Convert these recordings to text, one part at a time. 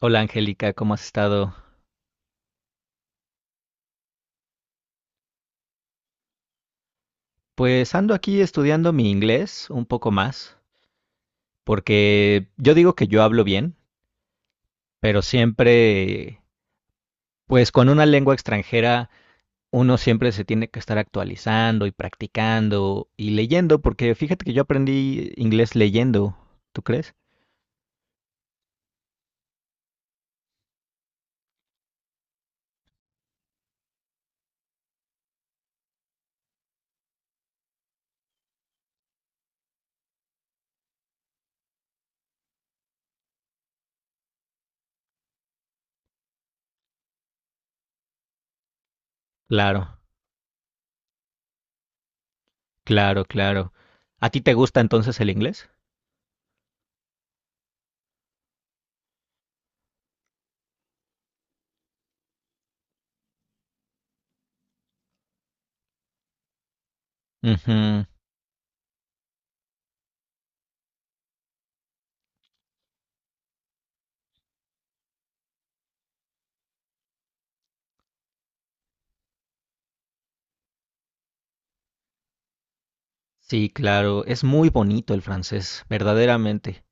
Hola Angélica, ¿cómo has estado? Pues ando aquí estudiando mi inglés un poco más, porque yo digo que yo hablo bien, pero siempre, pues con una lengua extranjera, uno siempre se tiene que estar actualizando y practicando y leyendo, porque fíjate que yo aprendí inglés leyendo, ¿tú crees? Claro, claro, claro. ¿A ti te gusta entonces el inglés? Ujú. Sí, claro, es muy bonito el francés, verdaderamente.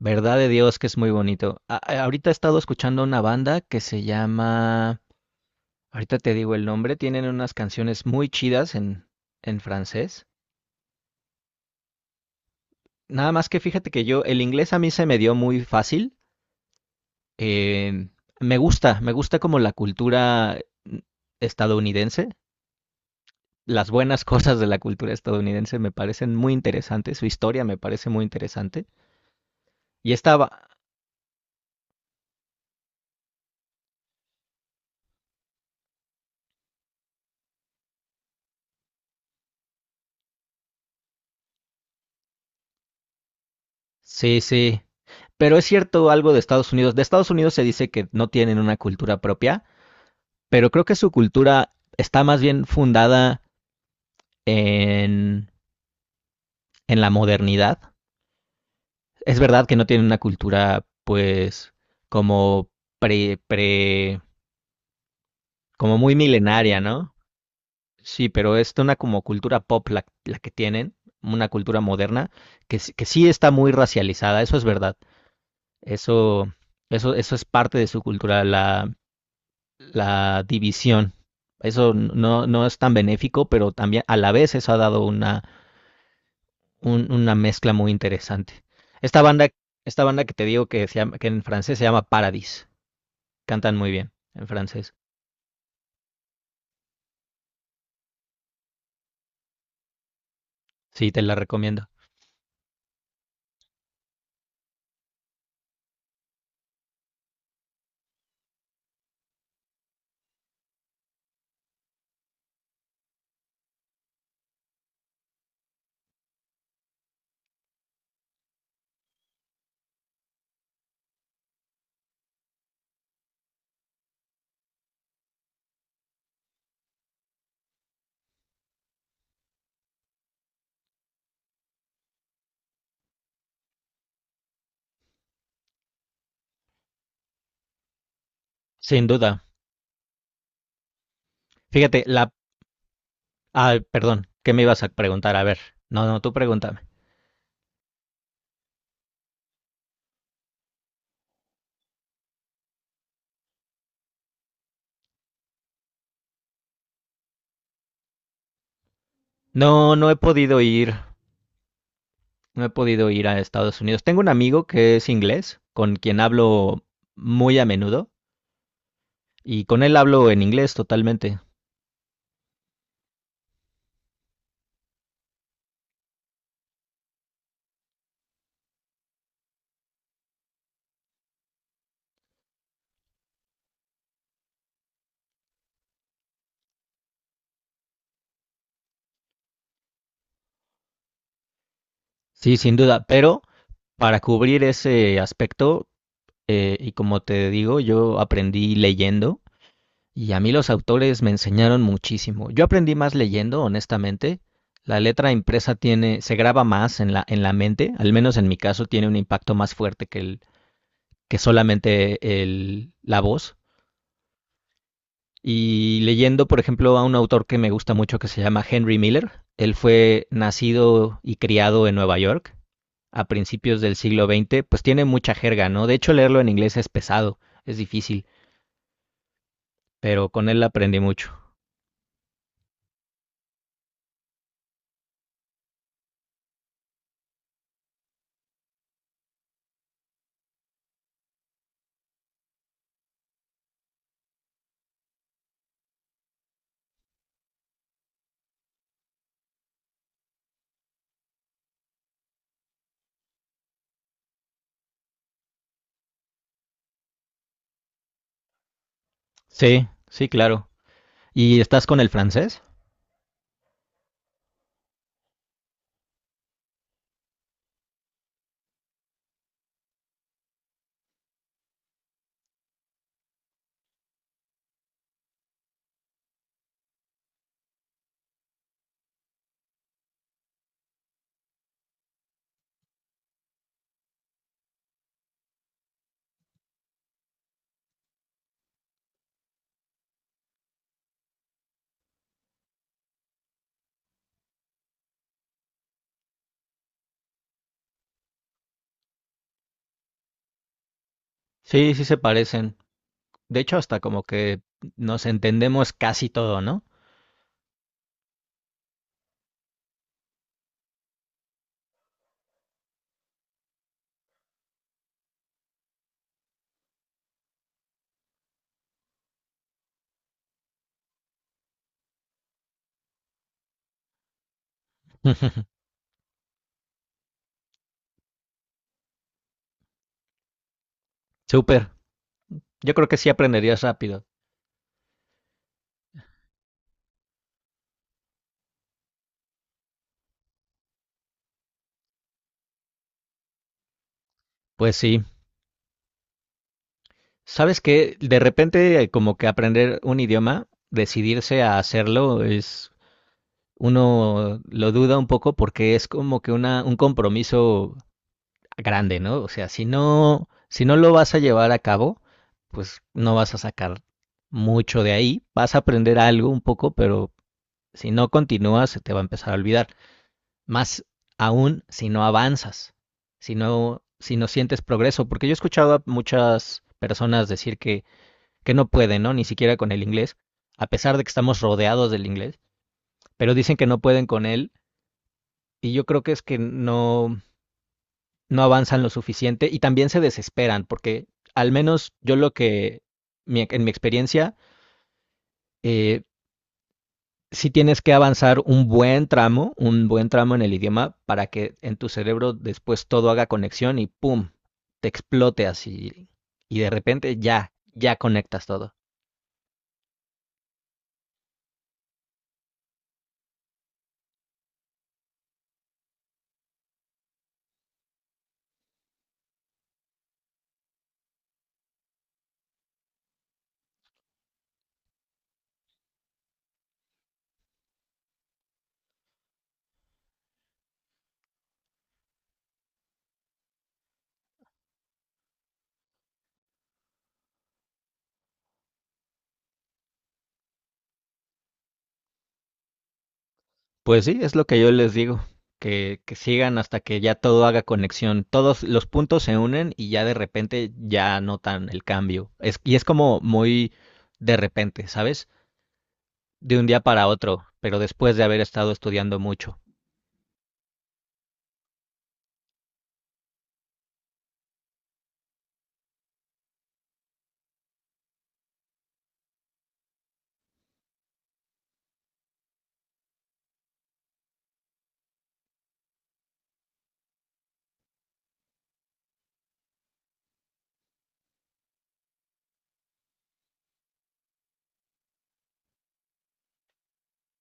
Verdad de Dios que es muy bonito. Ahorita he estado escuchando una banda que se llama, ahorita te digo el nombre, tienen unas canciones muy chidas en francés. Nada más que fíjate que yo, el inglés a mí se me dio muy fácil. eh, Me gusta, me gusta como la cultura mm, estadounidense. Las buenas cosas de la cultura estadounidense me parecen muy interesantes, su historia me parece muy interesante. Y estaba, sí, sí. Pero es cierto algo de Estados Unidos. De Estados Unidos se dice que no tienen una cultura propia, pero creo que su cultura está más bien fundada en, en la modernidad. Es verdad que no tienen una cultura, pues, como pre, pre, como muy milenaria, ¿no? Sí, pero es una como cultura pop la, la que tienen, una cultura moderna, que, que sí está muy racializada, eso es verdad. Eso, eso es parte de su cultura, la la división. Eso no, no es tan benéfico, pero también a la vez eso ha dado una, una mezcla muy interesante. Esta banda, esta banda que te digo que, se llama, que en francés se llama Paradis. Cantan muy bien en francés. Sí, te la recomiendo. Sin duda. Fíjate, la... Ah, perdón, ¿qué me ibas a preguntar? A ver. No, no, tú pregúntame. No, no he podido ir. No he podido ir a Estados Unidos. Tengo un amigo que es inglés, con quien hablo muy a menudo, y con él hablo en inglés totalmente. Sí, sin duda, pero para cubrir ese aspecto, y como te digo, yo aprendí leyendo y a mí los autores me enseñaron muchísimo. Yo aprendí más leyendo, honestamente. La letra impresa tiene, se graba más en la mente, al menos en mi caso tiene un impacto más fuerte que el, que solamente el, la voz. Y leyendo, por ejemplo, a un autor que me gusta mucho que se llama Henry Miller. Él fue nacido y criado en Nueva York a principios del siglo XX, pues tiene mucha jerga, ¿no? De hecho, leerlo en inglés es pesado, es difícil, pero con él aprendí mucho. Sí, sí, claro. ¿Y estás con el francés? Sí, sí se parecen. De hecho, hasta como que nos entendemos casi todo, ¿no? Súper. Yo creo que sí aprenderías rápido. Pues sí. ¿Sabes qué? De repente, como que aprender un idioma, decidirse a hacerlo, es uno lo duda un poco porque es como que una, un compromiso grande, ¿no? O sea, si no, si no lo vas a llevar a cabo, pues no vas a sacar mucho de ahí, vas a aprender algo un poco, pero si no continúas se te va a empezar a olvidar. Más aún si no avanzas, si no, si no sientes progreso, porque yo he escuchado a muchas personas decir que no pueden, ¿no? Ni siquiera con el inglés, a pesar de que estamos rodeados del inglés, pero dicen que no pueden con él y yo creo que es que no, no avanzan lo suficiente y también se desesperan, porque al menos yo lo que, en mi experiencia, eh, sí tienes que avanzar un buen tramo en el idioma para que en tu cerebro después todo haga conexión y ¡pum! Te explote así y de repente ya, ya conectas todo. Pues sí, es lo que yo les digo, que sigan hasta que ya todo haga conexión, todos los puntos se unen y ya de repente ya notan el cambio. Es, y es como muy de repente, ¿sabes? De un día para otro, pero después de haber estado estudiando mucho.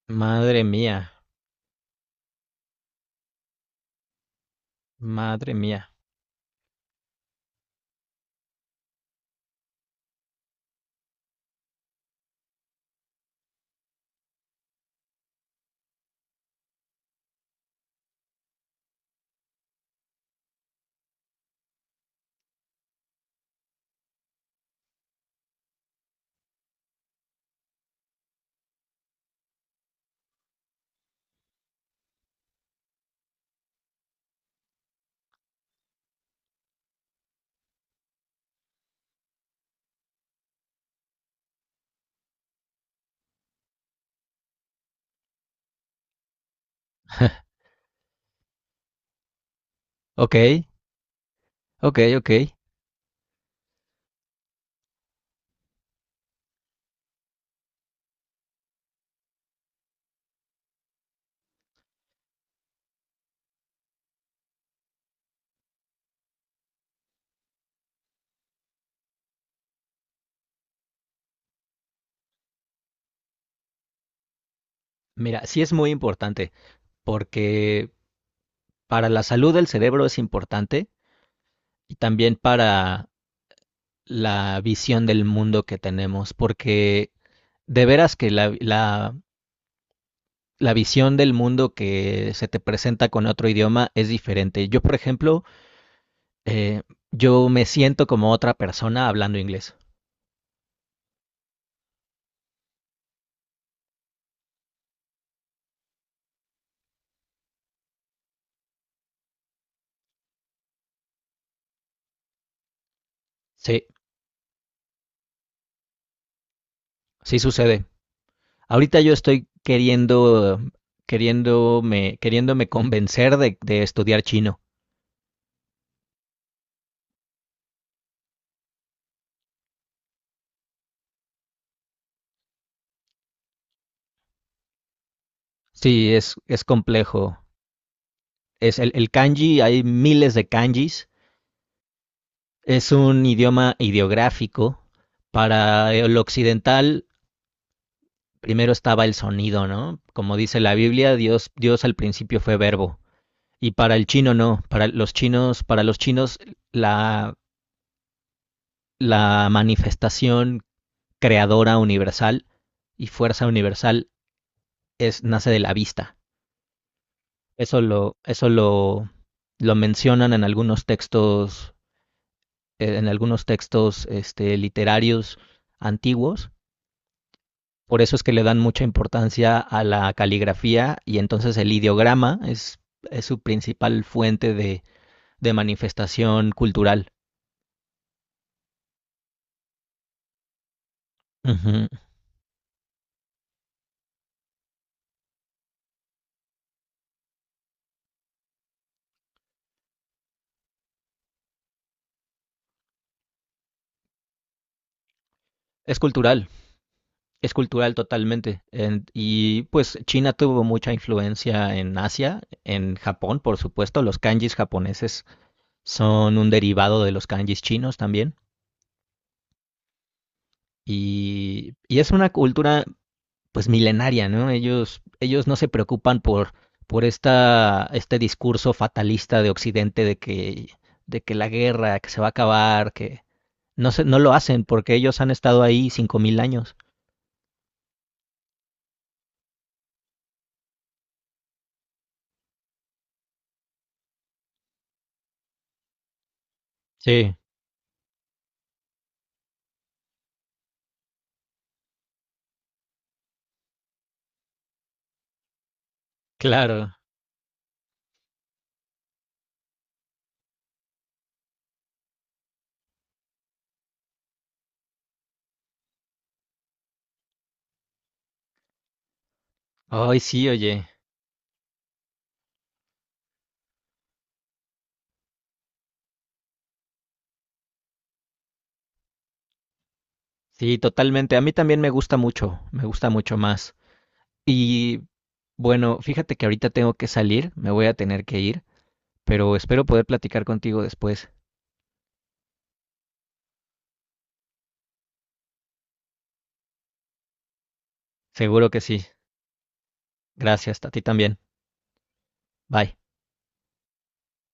Madre mía, madre mía. Ok, ok, ok. Mira, sí es muy importante, porque para la salud del cerebro es importante y también para la visión del mundo que tenemos, porque de veras que la visión del mundo que se te presenta con otro idioma es diferente. Yo, por ejemplo, eh, yo me siento como otra persona hablando inglés. Sí, sí sucede. Ahorita yo estoy queriendo, queriéndome, queriéndome convencer de estudiar chino. Sí, es complejo. Es el kanji, hay miles de kanjis. Es un idioma ideográfico. Para el occidental primero estaba el sonido, ¿no? Como dice la Biblia, Dios, Dios al principio fue verbo. Y para el chino no, para los chinos la, la manifestación creadora universal y fuerza universal es, nace de la vista. Eso lo mencionan en algunos textos este, literarios antiguos. Por eso es que le dan mucha importancia a la caligrafía y entonces el ideograma es su principal fuente de manifestación cultural. Ujú. Es cultural, es cultural totalmente. En- y pues China tuvo mucha influencia en Asia, en Japón, por supuesto. Los kanjis japoneses son un derivado de los kanjis chinos también. Y es una cultura pues milenaria, ¿no? Ellos no se preocupan por esta, este discurso fatalista de Occidente de que la guerra, que se va a acabar, que no, se, no lo hacen porque ellos han estado ahí 5000 años. Sí, claro. Ay, sí, oye. Sí, totalmente. A mí también me gusta mucho más. Y bueno, fíjate que ahorita tengo que salir, me voy a tener que ir, pero espero poder platicar contigo después. Seguro que sí. Gracias, a ti también. Bye.